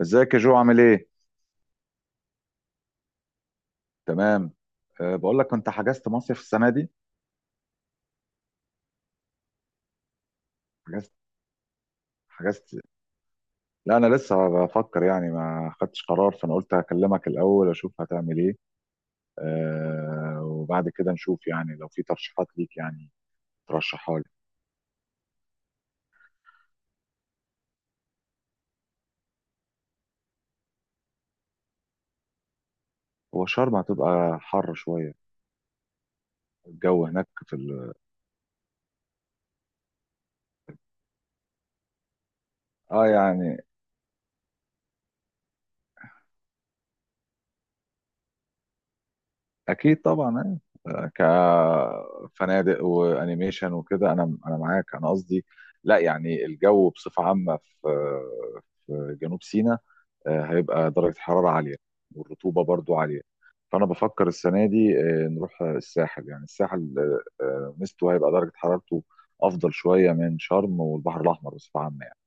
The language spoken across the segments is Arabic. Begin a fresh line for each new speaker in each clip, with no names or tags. ازيك يا جو، عامل ايه؟ تمام. أه، بقول لك، انت حجزت مصيف السنه دي؟ حجزت حجزت. لا، انا لسه بفكر يعني، ما خدتش قرار، فانا قلت هكلمك الاول اشوف هتعمل ايه. أه، وبعد كده نشوف يعني، لو في ترشيحات ليك يعني ترشحها لي. هو شرم هتبقى حر شويه. الجو هناك في اه يعني، اكيد طبعا. آه. كفنادق وانيميشن وكده، انا معاك، انا قصدي لا، يعني الجو بصفه عامه في جنوب سيناء، هيبقى درجة الحرارة عالية والرطوبة برضو عالية. فأنا بفكر السنة دي نروح الساحل، يعني الساحل ميزته هيبقى درجة حرارته أفضل شوية من شرم والبحر الأحمر بصفة عامة يعني.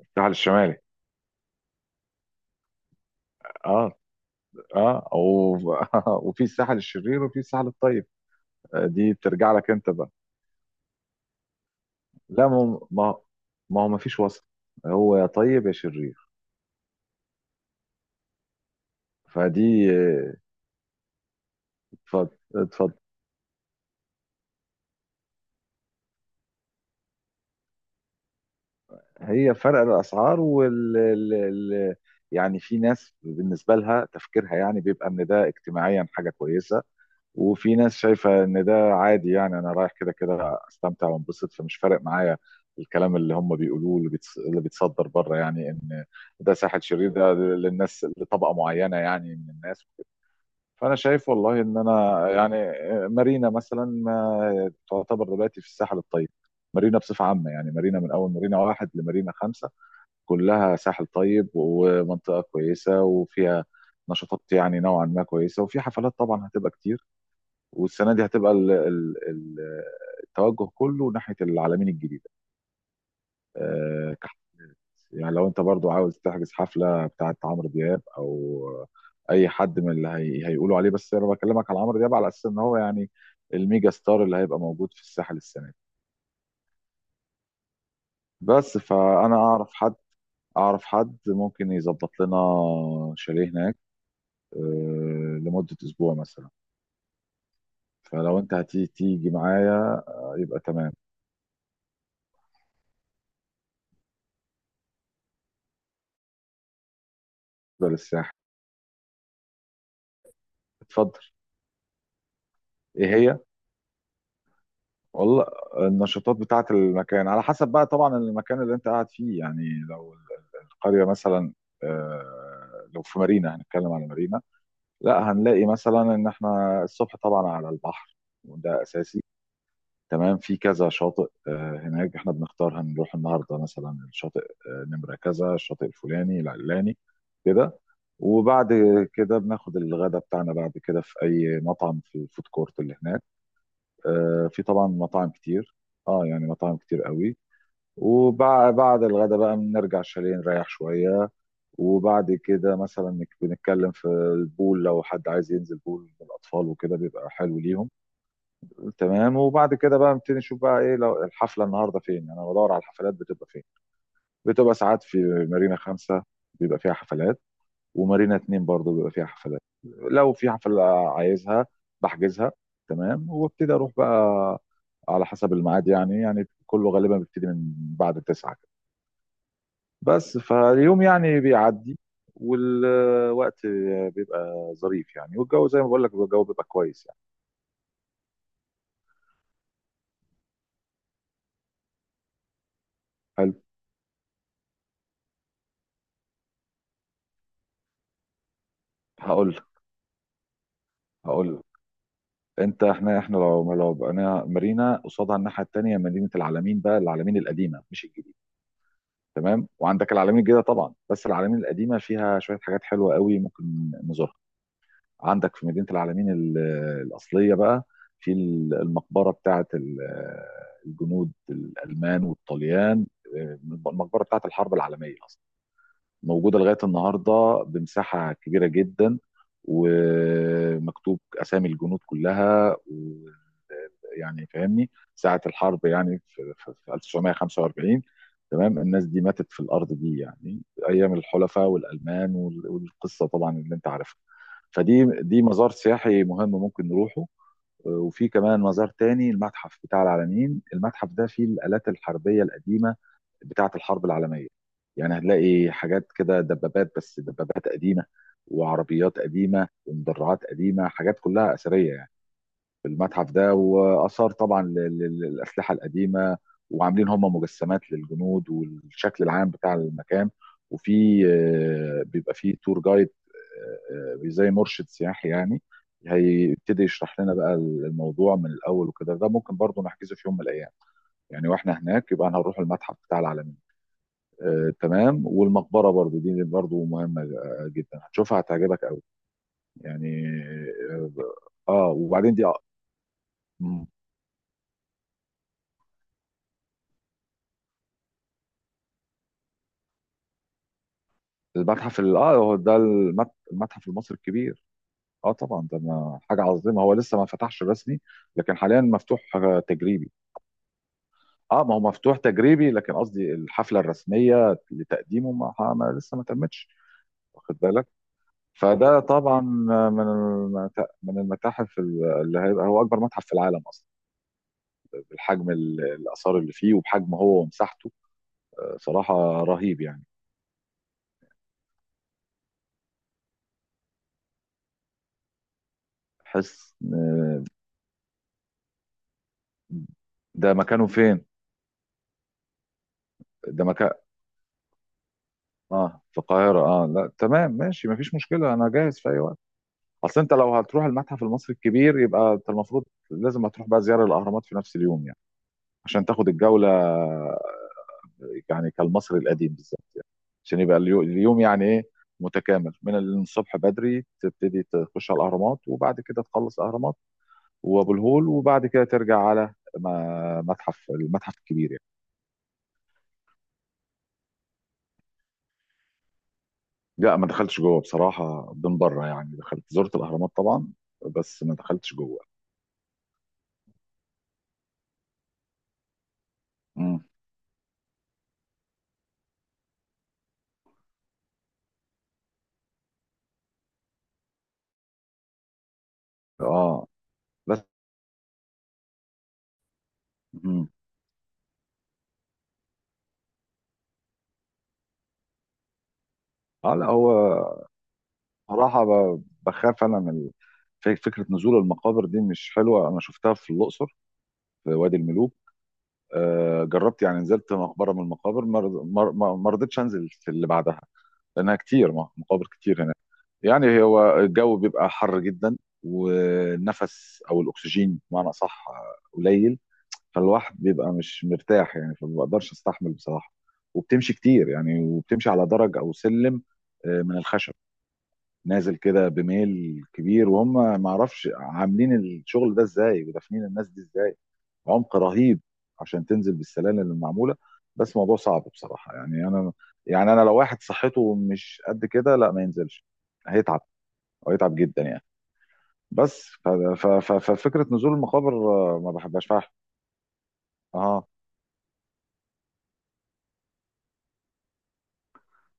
الساحل الشمالي. اه اه و... وفي الساحل الشرير وفي الساحل الطيب. دي بترجع لك أنت بقى. لا، ما هو ما فيش وسط، هو يا طيب يا شرير. فدي اتفضل اتفضل. هي فرق الاسعار يعني في ناس بالنسبه لها تفكيرها يعني بيبقى ان ده اجتماعيا حاجه كويسه، وفي ناس شايفه ان ده عادي، يعني انا رايح كده كده استمتع وانبسط، فمش فارق معايا الكلام اللي هم بيقولوه، اللي بيتصدر بره، يعني ان ده ساحل شرير، ده للناس لطبقه معينه يعني من الناس. فانا شايف والله ان انا يعني مارينا مثلا ما تعتبر دلوقتي في الساحل الطيب. مارينا بصفه عامه يعني، مارينا من اول مارينا واحد لمارينا خمسه كلها ساحل طيب ومنطقة كويسة، وفيها نشاطات يعني نوعا ما كويسة، وفي حفلات طبعا هتبقى كتير. والسنة دي هتبقى ال ال ال التوجه كله ناحية العلمين الجديدة. كحت يعني، لو انت برضو عاوز تحجز حفلة بتاعة عمرو دياب او اي حد من هيقولوا عليه، بس انا بكلمك على عمرو دياب على اساس ان هو يعني الميجا ستار اللي هيبقى موجود في الساحل السنة دي. بس فانا اعرف حد، ممكن يظبط لنا شاليه هناك، لمدة أسبوع مثلا. فلو أنت هتيجي تيجي معايا، يبقى تمام. ده للساحل، اتفضل. إيه هي؟ والله، النشاطات بتاعة المكان على حسب بقى طبعا المكان اللي أنت قاعد فيه يعني. لو القرية مثلا، لو في مارينا هنتكلم على مارينا. لا، هنلاقي مثلا إن إحنا الصبح طبعا على البحر، وده أساسي. تمام، في كذا شاطئ هناك، احنا بنختار هنروح النهارده مثلا الشاطئ نمره كذا، الشاطئ الفلاني العلاني كده. وبعد كده بناخد الغداء بتاعنا، بعد كده في اي مطعم في الفود كورت اللي هناك، في طبعا مطاعم كتير، اه يعني مطاعم كتير قوي. وبعد الغداء بقى بنرجع الشاليه نريح شويه. وبعد كده مثلا بنتكلم في البول، لو حد عايز ينزل بول من الاطفال وكده بيبقى حلو ليهم. تمام، وبعد كده بقى نبتدي نشوف بقى ايه، لو الحفله النهارده فين، انا بدور على الحفلات بتبقى فين. بتبقى ساعات في مارينا خمسة بيبقى فيها حفلات، ومارينا اتنين برضه بيبقى فيها حفلات. لو في حفله عايزها بحجزها، تمام، وابتدي اروح بقى على حسب الميعاد يعني كله غالبا بيبتدي من بعد تسعة كده. بس فاليوم يعني بيعدي، والوقت بيبقى ظريف يعني، والجو زي ما بقول لك الجو بيبقى كويس يعني. حلو. هقول هقول. انت، احنا لو بقينا مارينا، قصادها الناحيه التانيه مدينه العلمين بقى، العلمين القديمه مش الجديده. تمام، وعندك العلمين الجديده طبعا، بس العلمين القديمه فيها شويه حاجات حلوه قوي ممكن نزورها. عندك في مدينه العلمين الاصليه بقى، في المقبره بتاعه الجنود الالمان والطليان، المقبره بتاعه الحرب العالميه اصلا. موجودة لغاية النهاردة بمساحة كبيرة جدا، ومكتوب أسامي الجنود كلها، و يعني فاهمني ساعة الحرب يعني، في 1945 تمام الناس دي ماتت في الأرض دي يعني، أيام الحلفاء والألمان والقصة طبعا اللي أنت عارفها. فدي مزار سياحي مهم ممكن نروحه. وفي كمان مزار تاني، المتحف بتاع العلمين. المتحف ده فيه الآلات الحربية القديمة بتاعة الحرب العالمية، يعني هتلاقي حاجات كده، دبابات، بس دبابات قديمة، وعربيات قديمة، ومدرعات قديمة، حاجات كلها أثرية يعني. في المتحف ده واثار طبعا للاسلحه القديمه، وعاملين هم مجسمات للجنود والشكل العام بتاع المكان. وفي بيبقى في تور جايد، زي مرشد سياحي يعني، هيبتدي يشرح لنا بقى الموضوع من الاول وكده. ده ممكن برضو نحجزه في يوم من الايام، يعني واحنا هناك يبقى هنروح المتحف بتاع العالمين، تمام. والمقبره برضو دي برضو مهمه جدا، هتشوفها هتعجبك قوي يعني. اه، وبعدين دي المتحف اه هو ده المتحف المصري الكبير. اه طبعا ده حاجه عظيمه. هو لسه ما فتحش رسمي، لكن حاليا مفتوح تجريبي. اه، ما هو مفتوح تجريبي، لكن قصدي الحفله الرسميه لتقديمه لسه ما تمتش، واخد بالك. فده طبعا من المتاحف اللي هيبقى هو اكبر متحف في العالم اصلا، بالحجم الاثار اللي فيه، وبحجم هو ومساحته. صراحه رهيب يعني. حس آه، ده مكانه فين؟ ده مكانه اه في القاهرة؟ اه، لا تمام ماشي، مفيش مشكلة، أنا جاهز في أي وقت. أصل أنت لو هتروح المتحف المصري الكبير يبقى أنت المفروض لازم هتروح بقى زيارة الأهرامات في نفس اليوم يعني، عشان تاخد الجولة يعني كالمصري القديم بالظبط يعني، عشان يبقى اليوم يعني إيه متكامل، من الصبح بدري تبتدي تخش على الأهرامات، وبعد كده تخلص الأهرامات وأبو الهول، وبعد كده ترجع على ما- متحف المتحف الكبير يعني. لا، ما دخلتش جوه بصراحة، من بره يعني دخلت، زرت الأهرامات طبعا بس ما دخلتش جوه. مم. اه بس. مم. اه لا هو صراحة بخاف انا من فكرة نزول المقابر. دي مش حلوة، انا شفتها في الاقصر في وادي الملوك. جربت يعني، نزلت مقبرة من المقابر ما رض- ما ما- ما رضيتش انزل في اللي بعدها، لانها كتير، مقابر كتير هناك يعني. هو الجو بيبقى حر جدا، والنفس او الاكسجين بمعنى صح قليل، فالواحد بيبقى مش مرتاح يعني، فما بقدرش استحمل بصراحه. وبتمشي كتير يعني، وبتمشي على درج او سلم من الخشب، نازل كده بميل كبير. وهم ما اعرفش عاملين الشغل ده ازاي، ودافنين الناس دي ازاي. عمق رهيب عشان تنزل بالسلالم اللي معموله. بس موضوع صعب بصراحه يعني، انا يعني انا لو واحد صحته مش قد كده لا ما ينزلش، هيتعب وهيتعب جدا يعني. بس ففكره نزول المقابر ما بحبهاش فعلا. اه،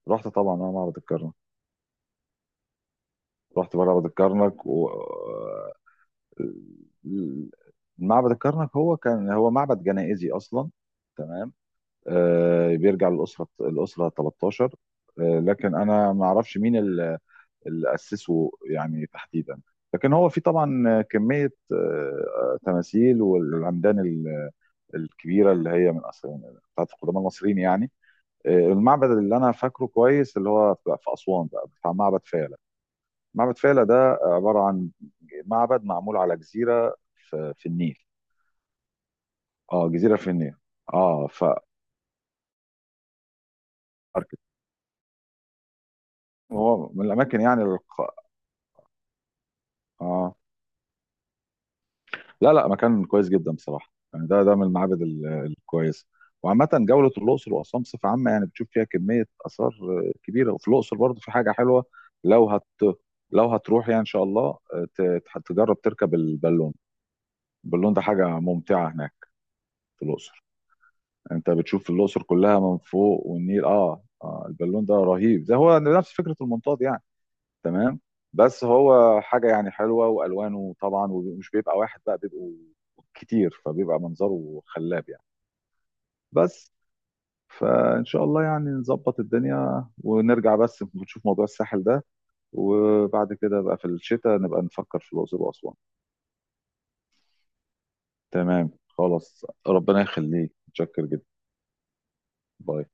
رحت طبعا انا معبد الكرنك. رحت معبد الكرنك، و معبد الكرنك هو كان معبد جنائزي اصلا، تمام. بيرجع للاسره 13. لكن انا ما اعرفش مين اللي اسسه يعني تحديدا، لكن هو في طبعا كميه آه تماثيل، والعمدان الكبيره اللي هي من أصل بتاعت القدماء المصريين يعني. المعبد اللي انا فاكره كويس اللي هو في اسوان بقى بتاع معبد فيلة. معبد فيلة ده عبارة عن معبد معمول على جزيرة في النيل، اه جزيرة في النيل، اه هو من الاماكن يعني اه لا لا، مكان كويس جدا بصراحة يعني، ده من المعابد الكويسة. وعامة جولة الأقصر وأسوان بصفة عامة يعني، بتشوف فيها كمية آثار كبيرة. وفي الأقصر برضه في حاجة حلوة، لو هت لو هتروح يعني إن شاء الله تجرب تركب البالون. البالون ده حاجة ممتعة هناك في الأقصر. انت بتشوف الاقصر كلها من فوق والنيل، البالون ده رهيب، ده هو نفس فكره المنطاد يعني، تمام. بس هو حاجه يعني حلوه، والوانه طبعا، ومش بيبقى واحد بقى، بيبقوا كتير، فبيبقى منظره خلاب يعني. بس فان شاء الله يعني نظبط الدنيا ونرجع، بس نشوف موضوع الساحل ده، وبعد كده بقى في الشتاء نبقى نفكر في الاقصر واسوان. تمام، خلاص، ربنا يخليك، متشكر جدا، باي.